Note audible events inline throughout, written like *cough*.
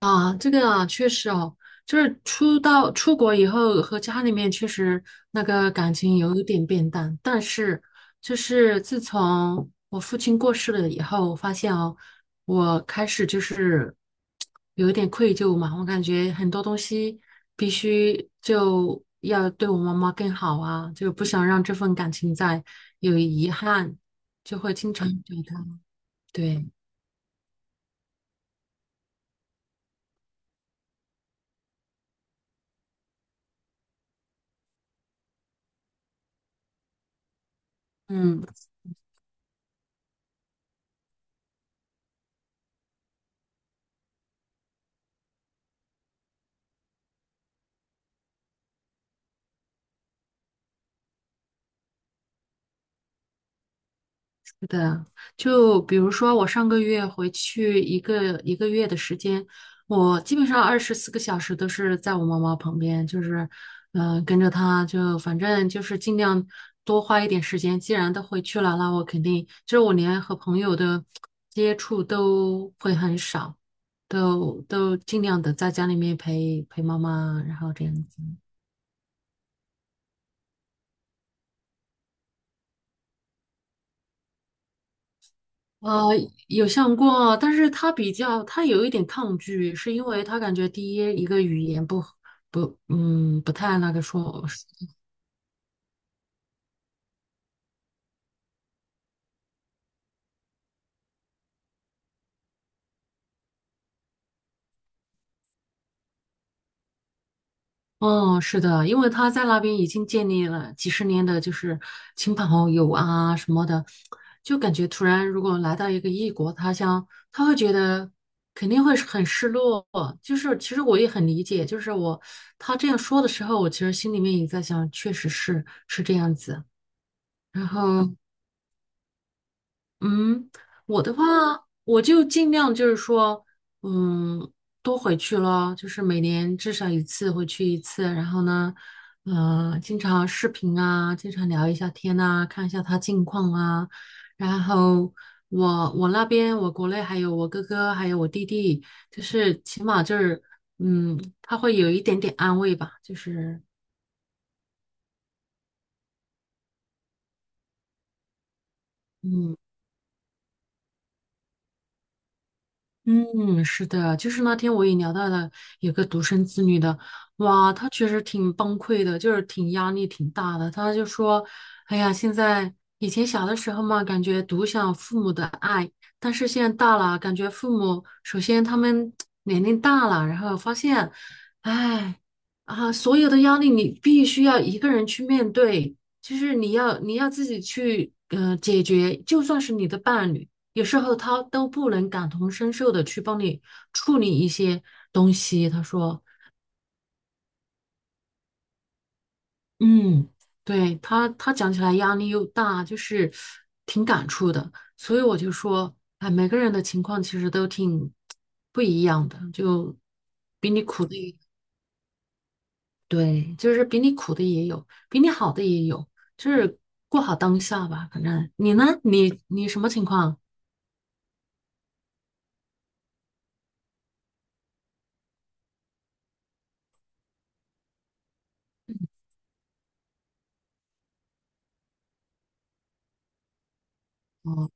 啊，这个啊，确实哦，就是出国以后和家里面确实那个感情有一点变淡，但是就是自从我父亲过世了以后，我发现哦，我开始就是有一点愧疚嘛，我感觉很多东西必须就要对我妈妈更好啊，就不想让这份感情再有遗憾。对，嗯，是的，就比如说我上个月回去一个月的时间，我基本上24个小时都是在我妈妈旁边，就是，跟着她就反正就是尽量多花一点时间。既然都回去了，那我肯定就是我连和朋友的接触都会很少，都尽量的在家里面陪陪妈妈，然后这样子。呃，有想过，但是他比较，他有一点抗拒，是因为他感觉第一个语言不太那个说，哦，是的，因为他在那边已经建立了几十年的，就是亲朋好友啊什么的，就感觉突然如果来到一个异国他乡，他会觉得肯定会是很失落。就是其实我也很理解，就是他这样说的时候，我其实心里面也在想，确实是这样子。然后，嗯，我的话，我就尽量就是说，嗯，多回去咯，就是每年至少一次回去一次，然后呢，经常视频啊，经常聊一下天呐，看一下他近况啊。然后我我那边我国内还有我哥哥还有我弟弟，就是起码就是，他会有一点点安慰吧，就是嗯，嗯，是的，就是那天我也聊到了有个独生子女的，哇，他确实挺崩溃的，就是挺压力挺大的。他就说，哎呀，以前小的时候嘛，感觉独享父母的爱，但是现在大了，感觉父母首先他们 *tsk* 年龄大了，然后发现，哎，啊，所有的压力你必须要一个人去面对，就是你要自己去解决，就算是你的伴侣。有时候他都不能感同身受的去帮你处理一些东西。他说，嗯，对，他讲起来压力又大，就是挺感触的。所以我就说，哎，每个人的情况其实都挺不一样的，就比你苦的也，对，就是比你苦的也有，比你好的也有，就是过好当下吧。反正你呢，你什么情况？哦，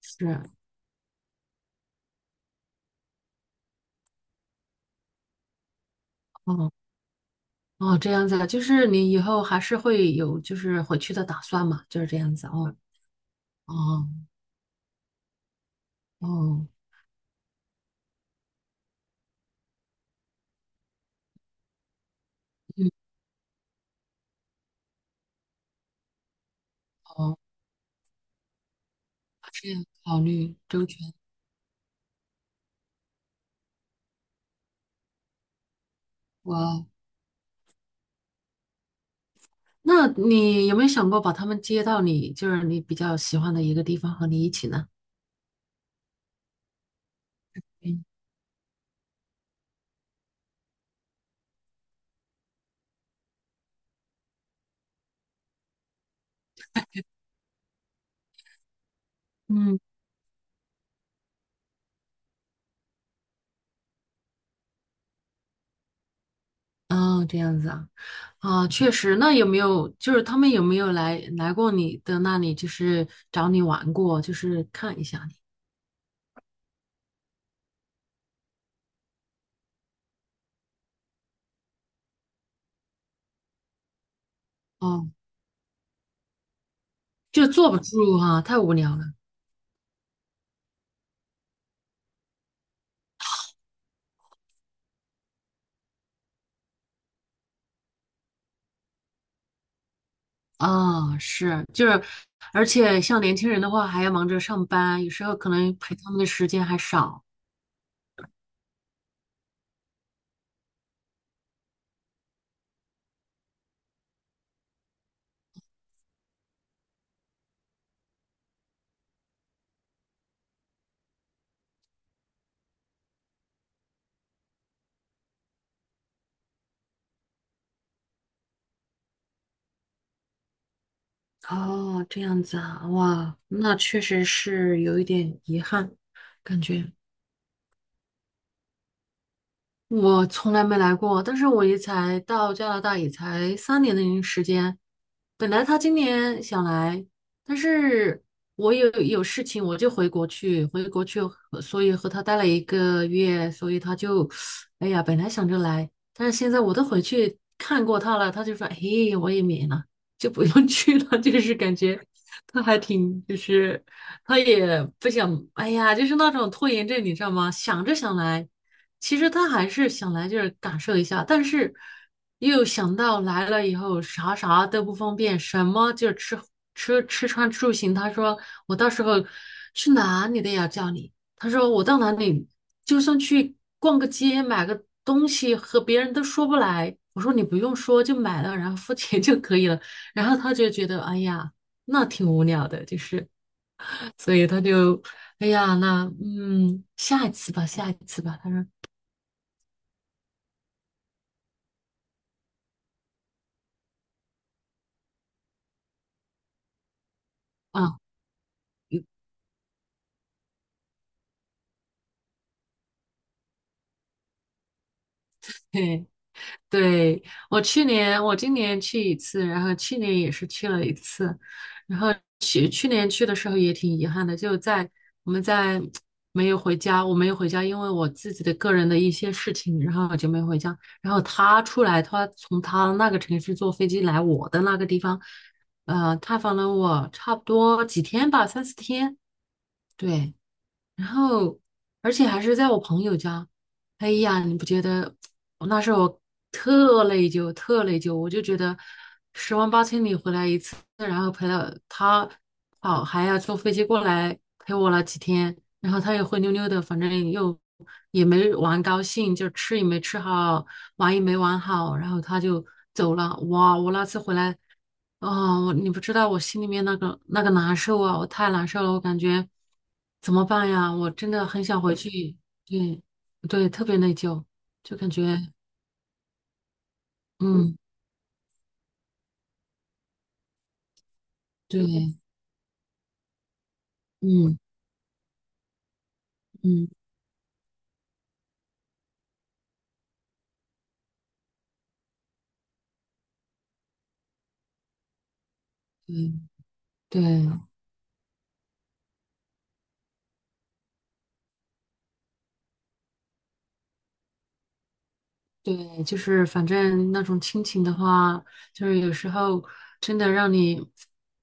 是。哦。哦，这样子啊，就是你以后还是会有就是回去的打算嘛，就是这样子哦，哦哦，嗯，哦，这样考虑周全，哇哦，那你有没有想过把他们接到你就是你比较喜欢的一个地方和你一起呢？嗯嗯，哦，这样子啊，啊，确实，那有没有就是他们有没有来过你的那里，就是找你玩过，就是看一下你？哦，就坐不住啊，太无聊了。啊，是，就是，而且像年轻人的话，还要忙着上班，有时候可能陪他们的时间还少。哦，这样子啊，哇，那确实是有一点遗憾，感觉。我从来没来过，但是我也才到加拿大也才3年的时间。本来他今年想来，但是我有事情，我就回国去和所以和他待了一个月，所以他就，哎呀，本来想着来，但是现在我都回去看过他了，他就说，嘿，我也免了，就不用 *laughs* 去了，就是感觉他还挺，就是他也不想，哎呀，就是那种拖延症，你知道吗？想着想来。其实他还是想来这儿感受一下，但是又想到来了以后啥啥都不方便，什么就吃穿住行。他说我到时候去哪里都要叫你。他说我到哪里，就算去逛个街买个东西，和别人都说不来。我说你不用说，就买了，然后付钱就可以了。然后他就觉得哎呀，那挺无聊的，就是，所以他就哎呀，那下一次吧，下一次吧。他说。啊。对，对，我今年去一次，然后去年也是去了一次。去年去的时候也挺遗憾的，就在我们在没有回家，我没有回家，因为我自己的个人的一些事情，然后我就没有回家。然后他出来，他从他那个城市坐飞机来我的那个地方，探访了我差不多几天吧，三四天。对，然后而且还是在我朋友家。哎呀，你不觉得？那时候我特内疚，特内疚，我就觉得十万八千里回来一次，然后陪了他跑，还要坐飞机过来陪我了几天，然后他又灰溜溜的，反正又也没玩高兴，就吃也没吃好，玩也没玩好，然后他就走了。哇，我那次回来。哦，你不知道我心里面那个难受啊，我太难受了，我感觉怎么办呀？我真的很想回去，对对，特别内疚，就感觉嗯，对，嗯嗯对对。对，就是反正那种亲情的话，就是有时候真的让你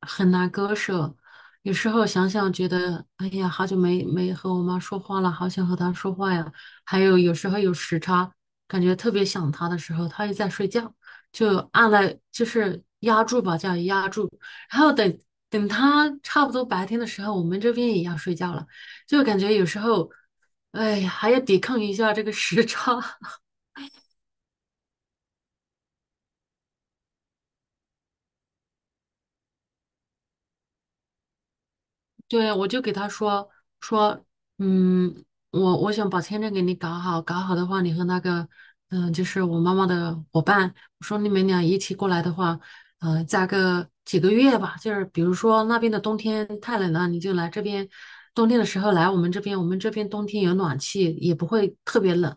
很难割舍。有时候想想觉得，哎呀，好久没和我妈说话了，好想和她说话呀。还有有时候有时差，感觉特别想她的时候，她又在睡觉，就按了就是压住吧，叫压住。然后等等她差不多白天的时候，我们这边也要睡觉了，就感觉有时候，哎呀，还要抵抗一下这个时差。对，我就给他说说，嗯，我想把签证给你搞好，搞好的话，你和那个，就是我妈妈的伙伴，我说你们俩一起过来的话，加个几个月吧，就是比如说那边的冬天太冷了，你就来这边，冬天的时候来我们这边，我们这边冬天有暖气，也不会特别冷，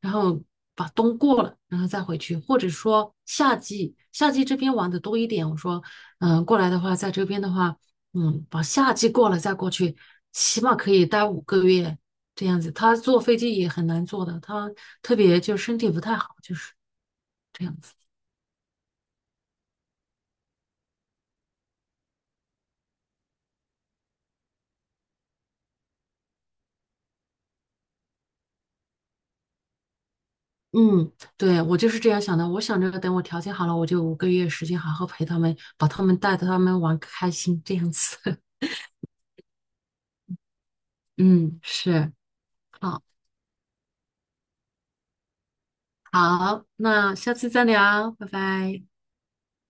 然后把冬过了，然后再回去，或者说夏季这边玩的多一点，我说，过来的话，在这边的话。把夏季过了再过去，起码可以待五个月这样子。他坐飞机也很难坐的，他特别就身体不太好，就是这样子。嗯，对，我就是这样想的。我想着等我条件好了，我就五个月时间好好陪他们，把他们带着他们玩开心这样子。*laughs* 嗯，是，好，好，那下次再聊，拜拜。